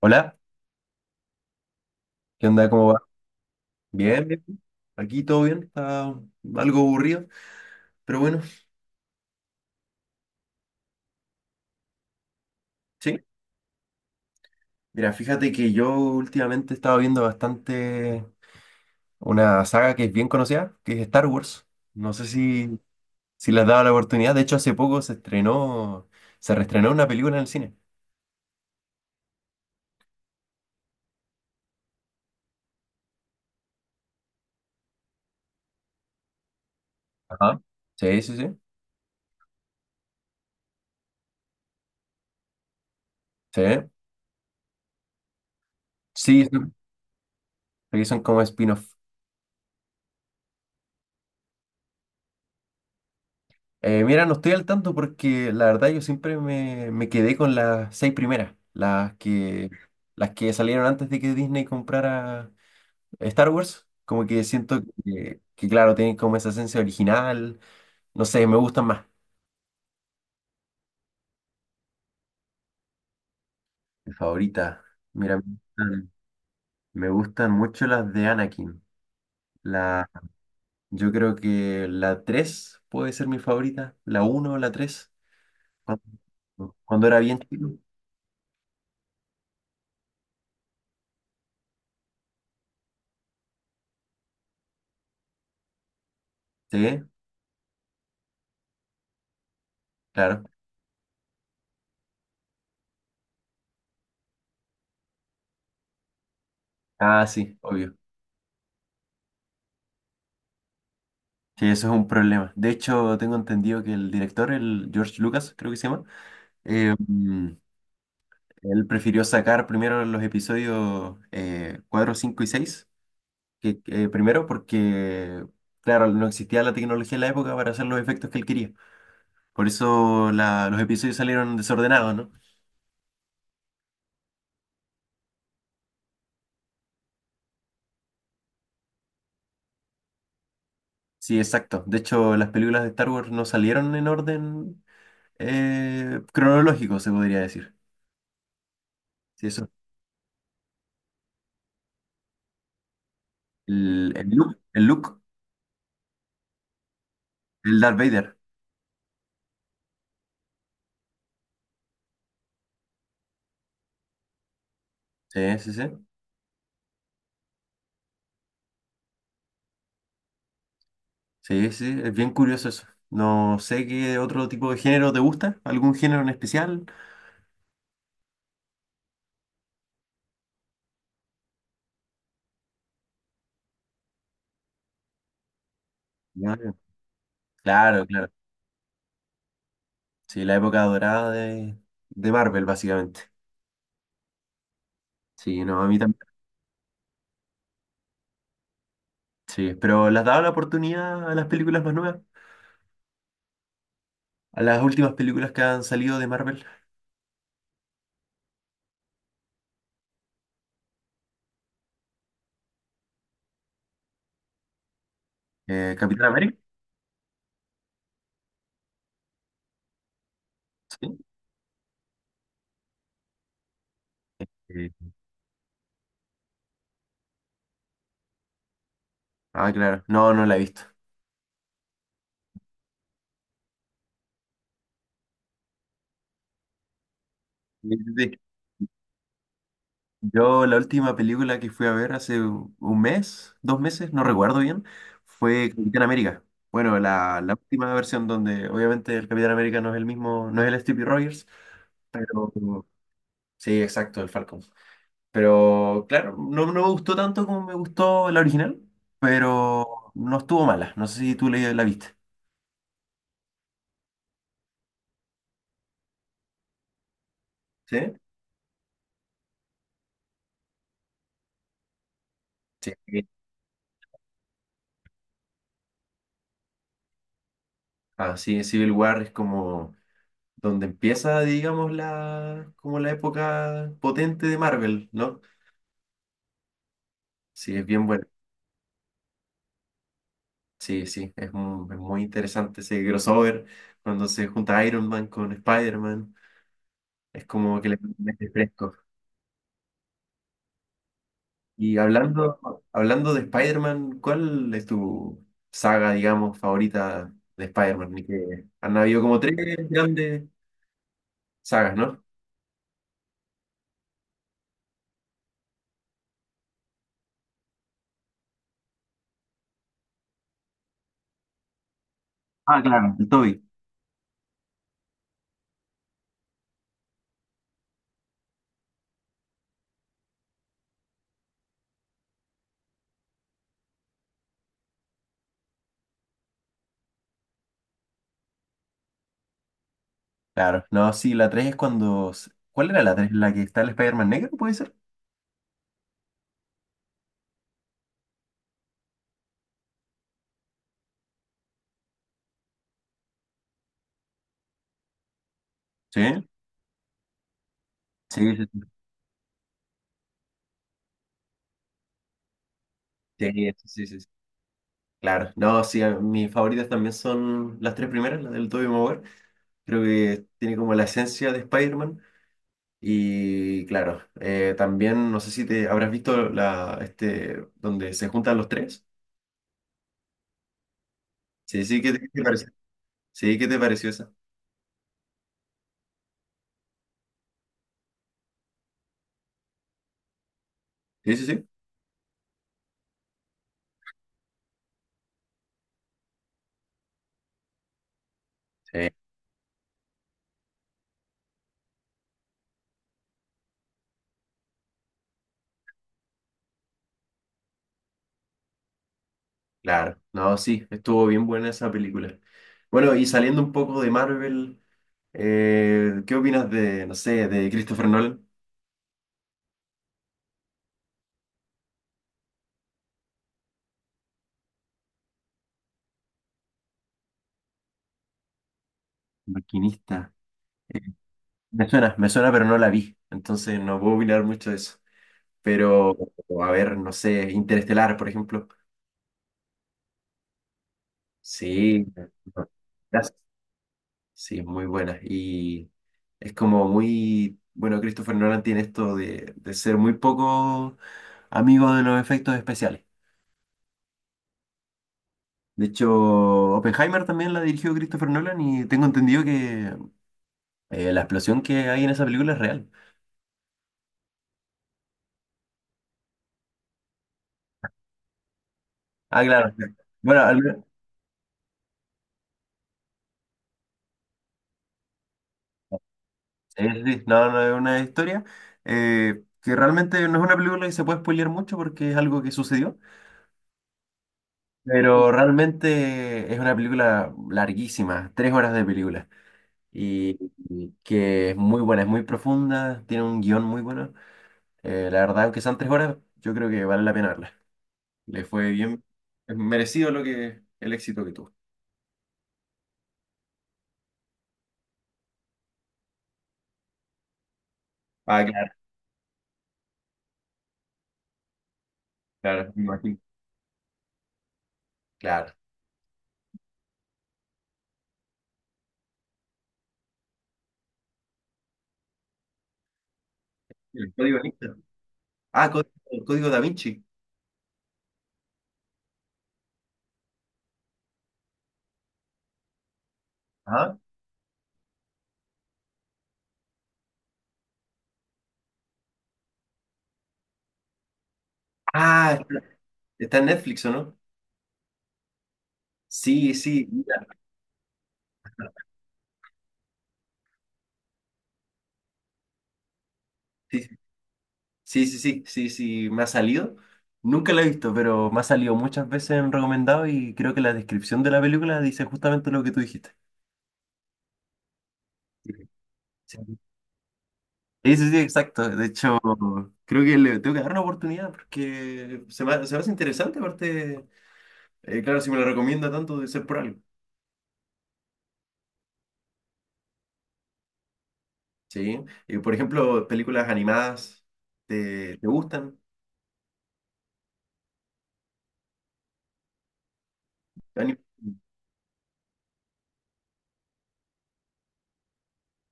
Hola, ¿qué onda? ¿Cómo va? Bien, bien. Aquí todo bien, está algo aburrido, pero bueno, sí. Mira, fíjate que yo últimamente he estado viendo bastante una saga que es bien conocida, que es Star Wars. No sé si le has dado la oportunidad. De hecho, hace poco se reestrenó una película en el cine. Ajá. Sí, sí, sí. Sí, sí, sí, son como spin-off. Mira, no estoy al tanto porque la verdad yo siempre me quedé con las seis primeras, las que salieron antes de que Disney comprara Star Wars. Como que siento que, claro, tienen como esa esencia original. No sé, me gustan más. Mi favorita. Mira, me gustan mucho las de Anakin. La, yo creo que la 3 puede ser mi favorita. La uno o la 3. Cuando, cuando era bien chico. Sí, claro. Ah, sí, obvio. Sí, eso es un problema. De hecho, tengo entendido que el director, el George Lucas, creo que se llama, eh, mm, él prefirió sacar primero los episodios 4, 5 y 6 que primero porque, claro, no existía la tecnología en la época para hacer los efectos que él quería. Por eso los episodios salieron desordenados, ¿no? Sí, exacto. De hecho, las películas de Star Wars no salieron en orden cronológico, se podría decir. Sí, eso. El look, el Darth Vader. Sí, sí, sí. Sí, sí, es bien curioso eso. No sé qué otro tipo de género te gusta, algún género en especial. Ya, claro, claro. Sí, la época dorada de Marvel, básicamente. Sí, no, a mí también. Sí, pero ¿le has dado la oportunidad a las películas más nuevas? A las últimas películas que han salido de Marvel. Capitán América. Sí. Eh, ah, claro. No, no la he visto. Yo la última película que fui a ver hace 1 mes, 2 meses, no recuerdo bien, fue Capitán América. Bueno, la última versión donde obviamente el Capitán América no es el mismo, no es el Steve Rogers, pero sí, exacto, el Falcon. Pero claro, no, no me gustó tanto como me gustó la original, pero no estuvo mala. No sé si tú la viste. ¿Sí? Sí. Ah, sí, Civil War es como donde empieza, digamos, como la época potente de Marvel, ¿no? Sí, es bien bueno. Sí, sí, es muy interesante ese crossover cuando se junta Iron Man con Spider-Man. Es como que le mete fresco. Y hablando de Spider-Man, ¿cuál es tu saga, digamos, favorita de Spider-Man? Y que han habido como tres grandes sagas, ¿no? Ah, claro, el Toby. Claro, no, sí, la tres es cuando... ¿Cuál era la tres? ¿La que está el Spider-Man negro, puede ser? Sí, sí, sí, sí, sí, sí, sí, sí. Claro, no, sí, mis favoritas también son las tres primeras, las del Tobey Maguire. Creo que tiene como la esencia de Spider-Man. Y claro, también no sé si te habrás visto la, este, donde se juntan los tres. Sí, sí, ¿qué te pareció? Sí, ¿qué te pareció esa? Sí, sí, sí. Sí, claro. No, sí, estuvo bien buena esa película. Bueno, y saliendo un poco de Marvel, ¿Qué opinas no sé, de Christopher Nolan? Maquinista. Me suena, pero no la vi. Entonces no puedo opinar mucho de eso. Pero, a ver, no sé, Interestelar, por ejemplo. Sí, no, gracias. Sí, muy buena. Y es como muy, bueno, Christopher Nolan tiene esto de ser muy poco amigo de los efectos especiales. De hecho, Oppenheimer también la dirigió Christopher Nolan y tengo entendido que la explosión que hay en esa película es real. Ah, claro, claro. Bueno, al menos, sí, no, no es una historia que realmente no es una película que se puede spoilear mucho porque es algo que sucedió. Pero realmente es una película larguísima, 3 horas de película, y, y que es muy buena, es muy profunda, tiene un guión muy bueno. La verdad, aunque sean 3 horas, yo creo que vale la pena verla. Le fue bien, es merecido el éxito que tuvo. Ah, claro, claro, me imagino, claro. El código Vinci. Ah, el código Da Vinci. Ajá. Ah, está en Netflix, ¿o no? Sí, sí, mira, sí, sí, sí, sí, sí, sí, me ha salido. Nunca la he visto, pero me ha salido muchas veces en recomendado y creo que la descripción de la película dice justamente lo que tú dijiste. Sí, sí, sí, sí, exacto. De hecho, creo que le tengo que dar una oportunidad porque se me hace interesante, aparte, claro, si me la recomienda tanto, debe ser por algo. Sí. Y, por ejemplo, películas animadas, ¿te gustan? Ani-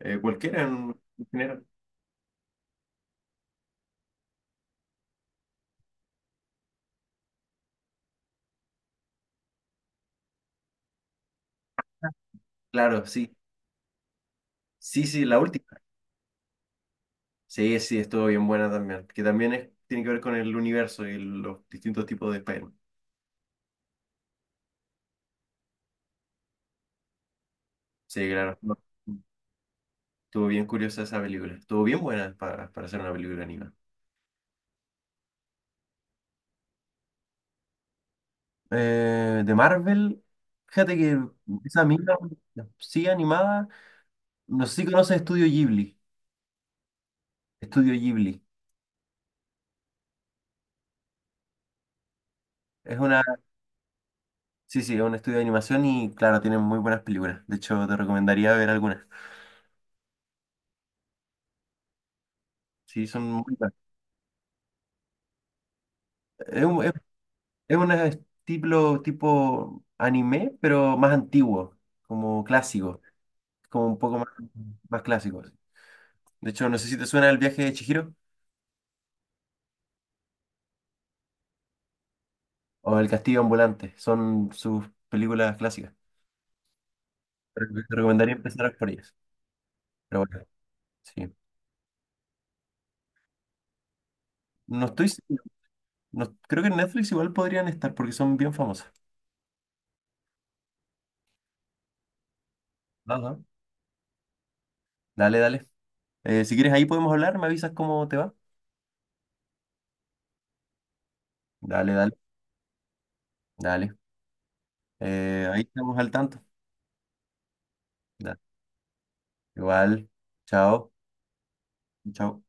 cualquiera en general. Claro, sí. Sí, sí, la última. Sí, sí, estuvo bien buena también. Que también es, tiene que ver con el universo y los distintos tipos de Spider-Man. Sí, claro. No, estuvo bien curiosa esa película. Estuvo bien buena para hacer una película animada. De Marvel, fíjate que esa misma, sí animada, no sé si conoces Estudio Ghibli. Estudio Ghibli. Es una, sí, sí, es un estudio de animación y claro, tienen muy buenas películas. De hecho, te recomendaría ver algunas. Sí, son muy buenas. Es un estilo tipo anime, pero más antiguo, como clásico, como un poco más clásico. De hecho, no sé si te suena El viaje de Chihiro o El castillo ambulante, son sus películas clásicas. Pero te recomendaría empezar por ellas. Pero bueno, sí. No estoy seguro. Creo que en Netflix igual podrían estar porque son bien famosas. Ajá. Dale, dale. Si quieres, ahí podemos hablar, me avisas cómo te va. Dale, dale, dale. Ahí estamos al tanto. Dale. Igual. Chao. Chao.